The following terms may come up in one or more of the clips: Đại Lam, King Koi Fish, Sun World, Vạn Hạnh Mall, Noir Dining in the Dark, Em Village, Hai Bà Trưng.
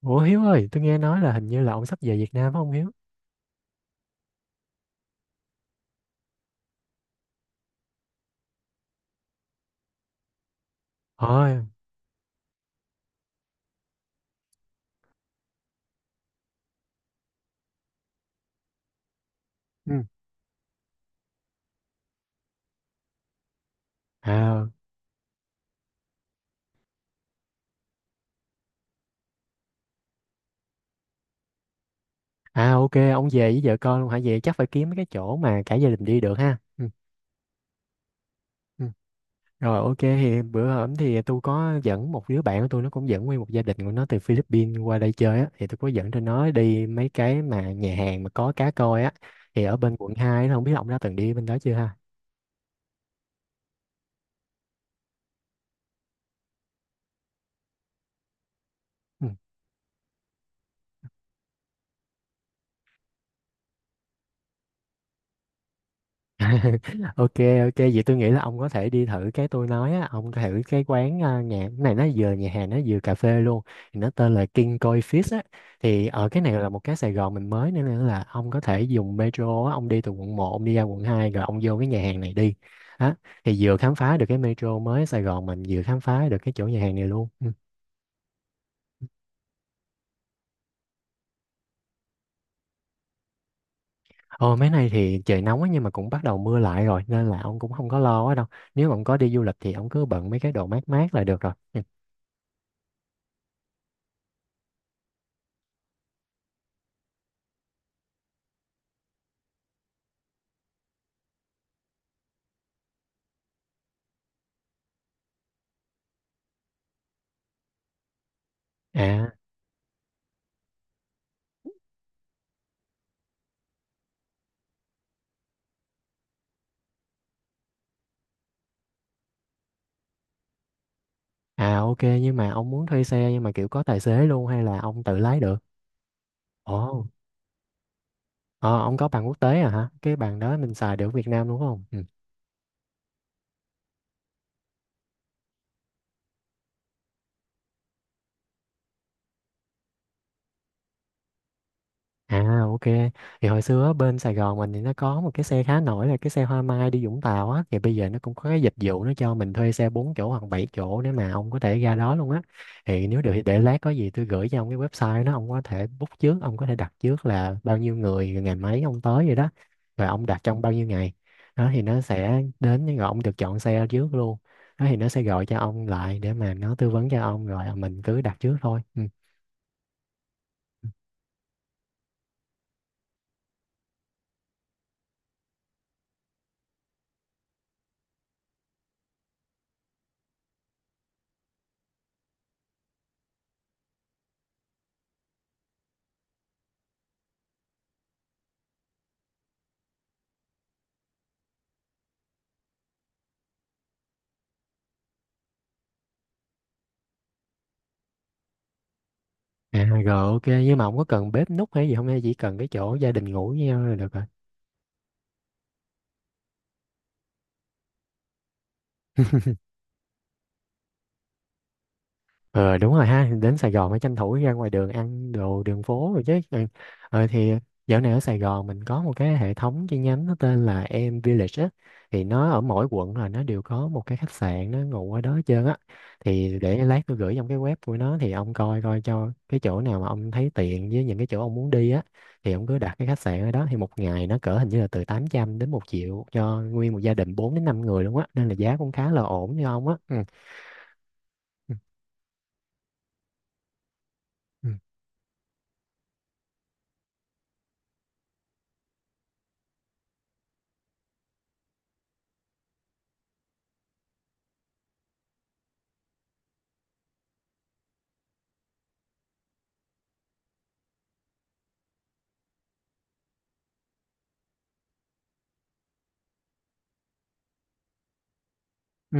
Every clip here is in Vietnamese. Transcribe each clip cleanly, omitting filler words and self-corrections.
Ủa Hiếu ơi, tôi nghe nói là hình như là ông sắp về Việt Nam phải không Hiếu? Ôi, ừ, à, à ok, ông về với vợ con luôn hả? Vậy chắc phải kiếm mấy cái chỗ mà cả gia đình đi được ha. Ừ. Ừ. Rồi ok, thì bữa hổm thì tôi có dẫn một đứa bạn của tôi, nó cũng dẫn nguyên một gia đình của nó từ Philippines qua đây chơi á. Thì tôi có dẫn cho nó đi mấy cái mà nhà hàng mà có cá coi á. Thì ở bên quận 2 nó không biết ông đã từng đi bên đó chưa ha? Ok, ok vậy tôi nghĩ là ông có thể đi thử cái tôi nói á, ông thử cái quán nhà cái này nó vừa nhà hàng nó vừa cà phê luôn, thì nó tên là King Koi Fish á. Thì ở cái này là một cái Sài Gòn mình mới nữa, nên là ông có thể dùng metro á, ông đi từ quận một, ông đi ra quận 2 rồi ông vô cái nhà hàng này đi á. Thì vừa khám phá được cái metro mới Sài Gòn mình, vừa khám phá được cái chỗ nhà hàng này luôn. Ừ. Ồ mấy nay thì trời nóng á, nhưng mà cũng bắt đầu mưa lại rồi nên là ông cũng không có lo quá đâu. Nếu mà ông có đi du lịch thì ông cứ bận mấy cái đồ mát mát là được rồi. Ừ. À. À ok, nhưng mà ông muốn thuê xe nhưng mà kiểu có tài xế luôn hay là ông tự lái được? Ồ, ờ, ông có bằng quốc tế à hả? Cái bằng đó mình xài được ở Việt Nam đúng không? Ừ. À ok. Thì hồi xưa á, bên Sài Gòn mình thì nó có một cái xe khá nổi là cái xe Hoa Mai đi Vũng Tàu á. Thì bây giờ nó cũng có cái dịch vụ nó cho mình thuê xe 4 chỗ hoặc 7 chỗ, nếu mà ông có thể ra đó luôn á. Thì nếu được thì để lát có gì tôi gửi cho ông cái website đó. Ông có thể book trước, ông có thể đặt trước là bao nhiêu người, rồi ngày mấy ông tới vậy đó. Và ông đặt trong bao nhiêu ngày. Đó thì nó sẽ đến rồi ông được chọn xe trước luôn. Đó thì nó sẽ gọi cho ông lại để mà nó tư vấn cho ông, rồi mình cứ đặt trước thôi. Ừ. À rồi ok, nhưng mà không có cần bếp núc hay gì không, hay chỉ cần cái chỗ gia đình ngủ với nhau là được rồi. Ờ đúng rồi ha, đến Sài Gòn phải tranh thủ ra ngoài đường ăn đồ đường phố rồi chứ. Ừ. Ờ thì dạo này ở Sài Gòn mình có một cái hệ thống chi nhánh nó tên là Em Village á. Thì nó ở mỗi quận là nó đều có một cái khách sạn nó ngủ ở đó hết trơn á. Thì để lát tôi gửi trong cái web của nó, thì ông coi coi cho cái chỗ nào mà ông thấy tiện với những cái chỗ ông muốn đi á. Thì ông cứ đặt cái khách sạn ở đó, thì một ngày nó cỡ hình như là từ 800 đến một triệu cho nguyên một gia đình 4 đến 5 người luôn á, nên là giá cũng khá là ổn cho ông á. Ừ. Ừ. Ừ. Ừ.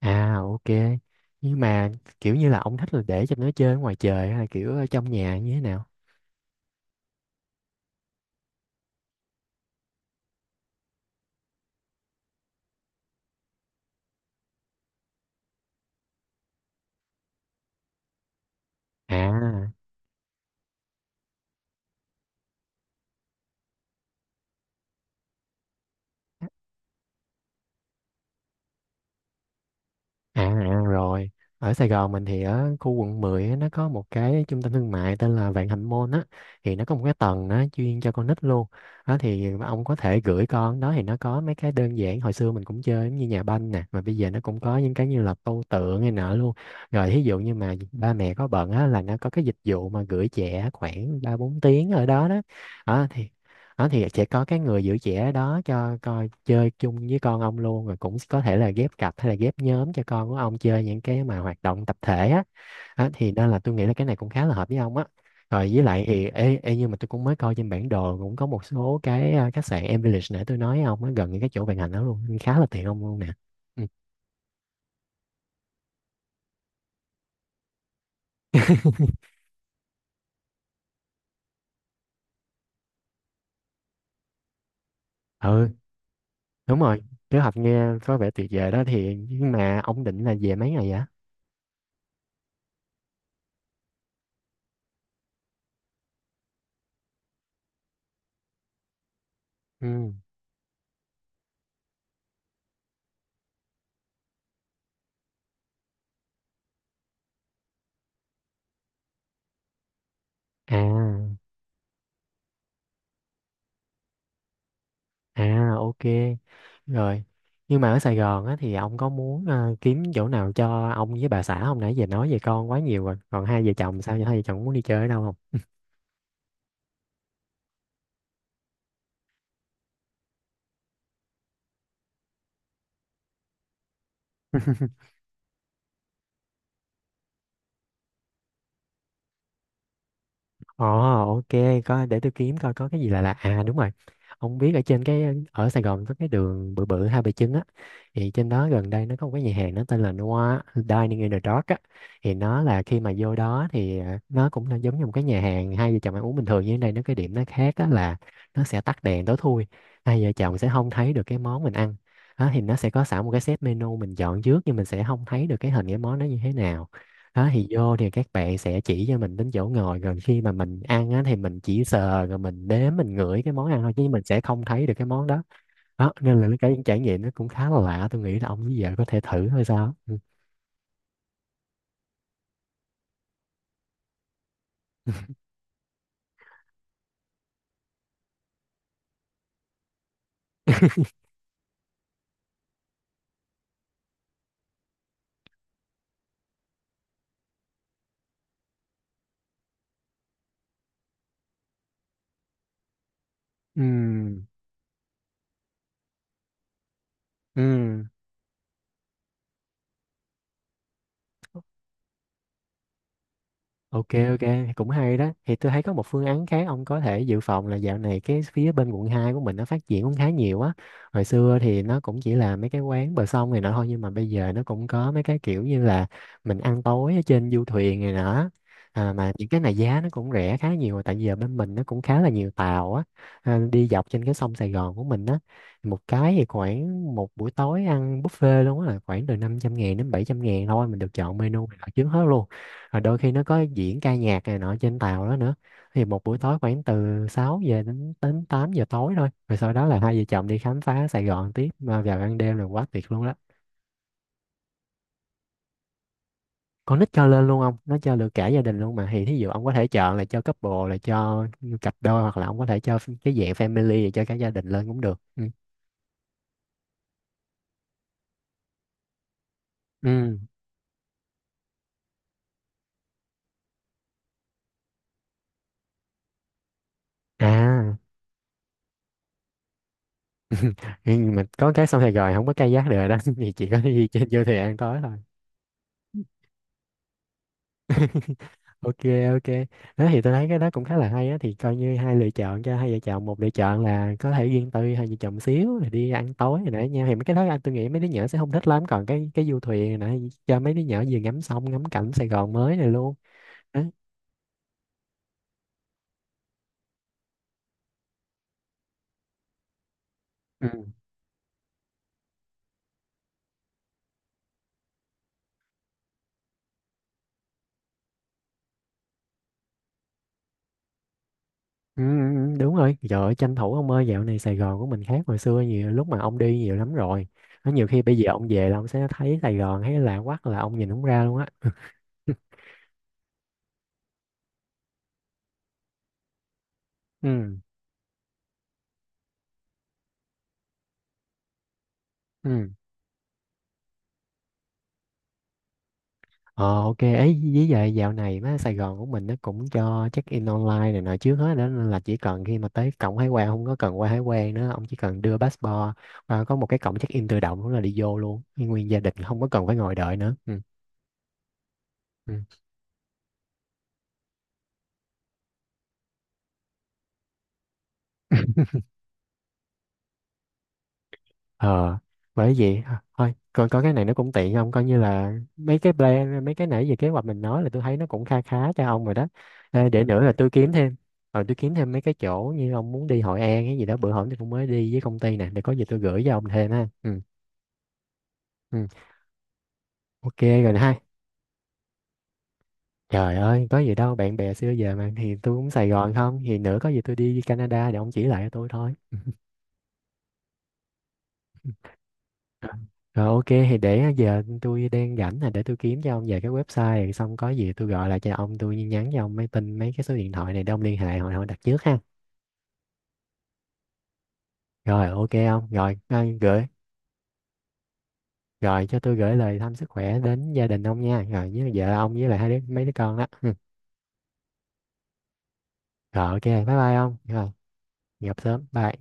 À ok. Nhưng mà kiểu như là ông thích là để cho nó chơi ở ngoài trời hay là kiểu ở trong nhà như thế nào? À. À, à rồi, ở Sài Gòn mình thì ở khu quận 10 á, nó có một cái trung tâm thương mại tên là Vạn Hạnh Mall á, thì nó có một cái tầng nó chuyên cho con nít luôn. Đó thì ông có thể gửi con, đó thì nó có mấy cái đơn giản hồi xưa mình cũng chơi giống như nhà banh nè, mà bây giờ nó cũng có những cái như là tô tượng hay nọ luôn. Rồi thí dụ như mà ba mẹ có bận á, là nó có cái dịch vụ mà gửi trẻ khoảng 3 4 tiếng ở đó đó. Đó thì đó thì sẽ có cái người giữ trẻ đó cho coi chơi chung với con ông luôn, rồi cũng có thể là ghép cặp hay là ghép nhóm cho con của ông chơi những cái mà hoạt động tập thể á. Đó, thì nên là tôi nghĩ là cái này cũng khá là hợp với ông á. Rồi với lại thì ê, ê, nhưng mà tôi cũng mới coi trên bản đồ cũng có một số cái khách sạn Em Village nãy tôi nói ông á, gần những cái chỗ vận hành đó luôn, khá là tiện ông luôn nè. Ừ. Ừ đúng rồi, kế hoạch nghe có vẻ tuyệt vời đó, thì nhưng mà ông định là về mấy ngày vậy. Ừ. À. À ok. Rồi, nhưng mà ở Sài Gòn á, thì ông có muốn kiếm chỗ nào cho ông với bà xã không? Nãy giờ nói về con quá nhiều rồi. Còn hai vợ chồng sao? Hai vợ chồng muốn đi chơi ở đâu không? Ồ, ok, có để tôi kiếm coi có cái gì là lạ. À đúng rồi. Ông biết ở trên cái ở Sài Gòn có cái đường bự bự Hai Bà Trưng á. Thì trên đó gần đây nó có một cái nhà hàng nó tên là Noir Dining in the Dark á. Thì nó là khi mà vô đó thì nó cũng là giống như một cái nhà hàng hai vợ chồng ăn uống bình thường như thế này, nó cái điểm nó khác á là nó sẽ tắt đèn tối thui. Hai vợ chồng sẽ không thấy được cái món mình ăn. Đó, thì nó sẽ có sẵn một cái set menu mình chọn trước, nhưng mình sẽ không thấy được cái hình cái món nó như thế nào. Đó thì vô thì các bạn sẽ chỉ cho mình đến chỗ ngồi, rồi khi mà mình ăn á, thì mình chỉ sờ rồi mình đếm mình ngửi cái món ăn thôi, chứ mình sẽ không thấy được cái món đó. Đó nên là cái trải nghiệm nó cũng khá là lạ, tôi nghĩ là ông với vợ có thể thử thôi sao. Ừ. Ừ. Ừ. Ok, ok cũng hay đó. Thì tôi thấy có một phương án khác ông có thể dự phòng là dạo này cái phía bên quận 2 của mình nó phát triển cũng khá nhiều á. Hồi xưa thì nó cũng chỉ là mấy cái quán bờ sông này nọ thôi, nhưng mà bây giờ nó cũng có mấy cái kiểu như là mình ăn tối ở trên du thuyền này nọ. À, mà những cái này giá nó cũng rẻ khá nhiều, tại vì giờ bên mình nó cũng khá là nhiều tàu á, à, đi dọc trên cái sông Sài Gòn của mình á. Một cái thì khoảng một buổi tối ăn buffet luôn á là khoảng từ 500 ngàn đến 700 ngàn thôi, mình được chọn menu này nọ chính hết luôn. Rồi đôi khi nó có diễn ca nhạc này nọ trên tàu đó nữa. Thì một buổi tối khoảng từ 6 giờ đến đến 8 giờ tối thôi, rồi sau đó là hai vợ chồng đi khám phá Sài Gòn tiếp, mà vào ban đêm là quá tuyệt luôn đó. Con nít cho lên luôn ông, nó cho được cả gia đình luôn mà. Thì thí dụ ông có thể chọn là cho couple là cho cặp đôi, hoặc là ông có thể cho cái dạng family cho cả gia đình lên cũng được. Ừ. Ừ. À. Nhưng mà có cái xong Sài rồi không có kayak được rồi đó, thì chỉ có đi trên vô thì ăn tối thôi. Ok, ok đó. Thì tôi thấy cái đó cũng khá là hay á, thì coi như hai lựa chọn cho hai vợ chồng, một lựa chọn là có thể riêng tư hai vợ chồng xíu rồi đi ăn tối rồi nãy nha, thì mấy cái đó anh tôi nghĩ mấy đứa nhỏ sẽ không thích lắm, còn cái du thuyền rồi nãy cho mấy đứa nhỏ vừa ngắm sông ngắm cảnh Sài Gòn mới này luôn đó. Ừ. Ừ, ừ, ừ, đúng rồi trời ơi, tranh thủ ông ơi, dạo này Sài Gòn của mình khác hồi xưa nhiều lúc mà ông đi nhiều lắm rồi. Nó nhiều khi bây giờ ông về là ông sẽ thấy Sài Gòn thấy lạ quắc, là ông nhìn không ra luôn á. Ừ. Ừ. Ờ ok ấy, với vậy dạo này má Sài Gòn của mình nó cũng cho check in online này nọ trước hết đó, nên là chỉ cần khi mà tới cổng hải quan không có cần qua hải quan nữa, ông chỉ cần đưa passport và có một cái cổng check in tự động là đi vô luôn nguyên gia đình, không có cần phải ngồi đợi nữa. Ừ. Ừ. Ờ bởi vậy thôi thôi, còn có cái này nó cũng tiện không, coi như là mấy cái plan mấy cái nãy về kế hoạch mình nói, là tôi thấy nó cũng kha khá cho ông rồi đó. Ê, để nữa là tôi kiếm thêm tôi kiếm thêm mấy cái chỗ như ông muốn đi Hội An cái gì đó, bữa hổm tôi cũng mới đi với công ty nè, để có gì tôi gửi cho ông thêm ha. Ừ, ừ. Ok rồi nè ha. Trời ơi có gì đâu bạn bè xưa giờ mà, thì tôi cũng Sài Gòn không thì nữa có gì tôi đi Canada để ông chỉ lại cho tôi thôi. Rồi. Rồi, ok thì để giờ tôi đang rảnh là để tôi kiếm cho ông về cái website, xong có gì tôi gọi lại cho ông, tôi nhắn cho ông mấy tin mấy cái số điện thoại này để ông liên hệ hồi hồi đặt trước ha. Rồi ok ông, rồi à, gửi, rồi cho tôi gửi lời thăm sức khỏe đến gia đình ông nha. Rồi với vợ ông với lại hai đứa mấy đứa con đó. Ừ. Rồi ok, bye bye ông. Rồi, gặp sớm. Bye.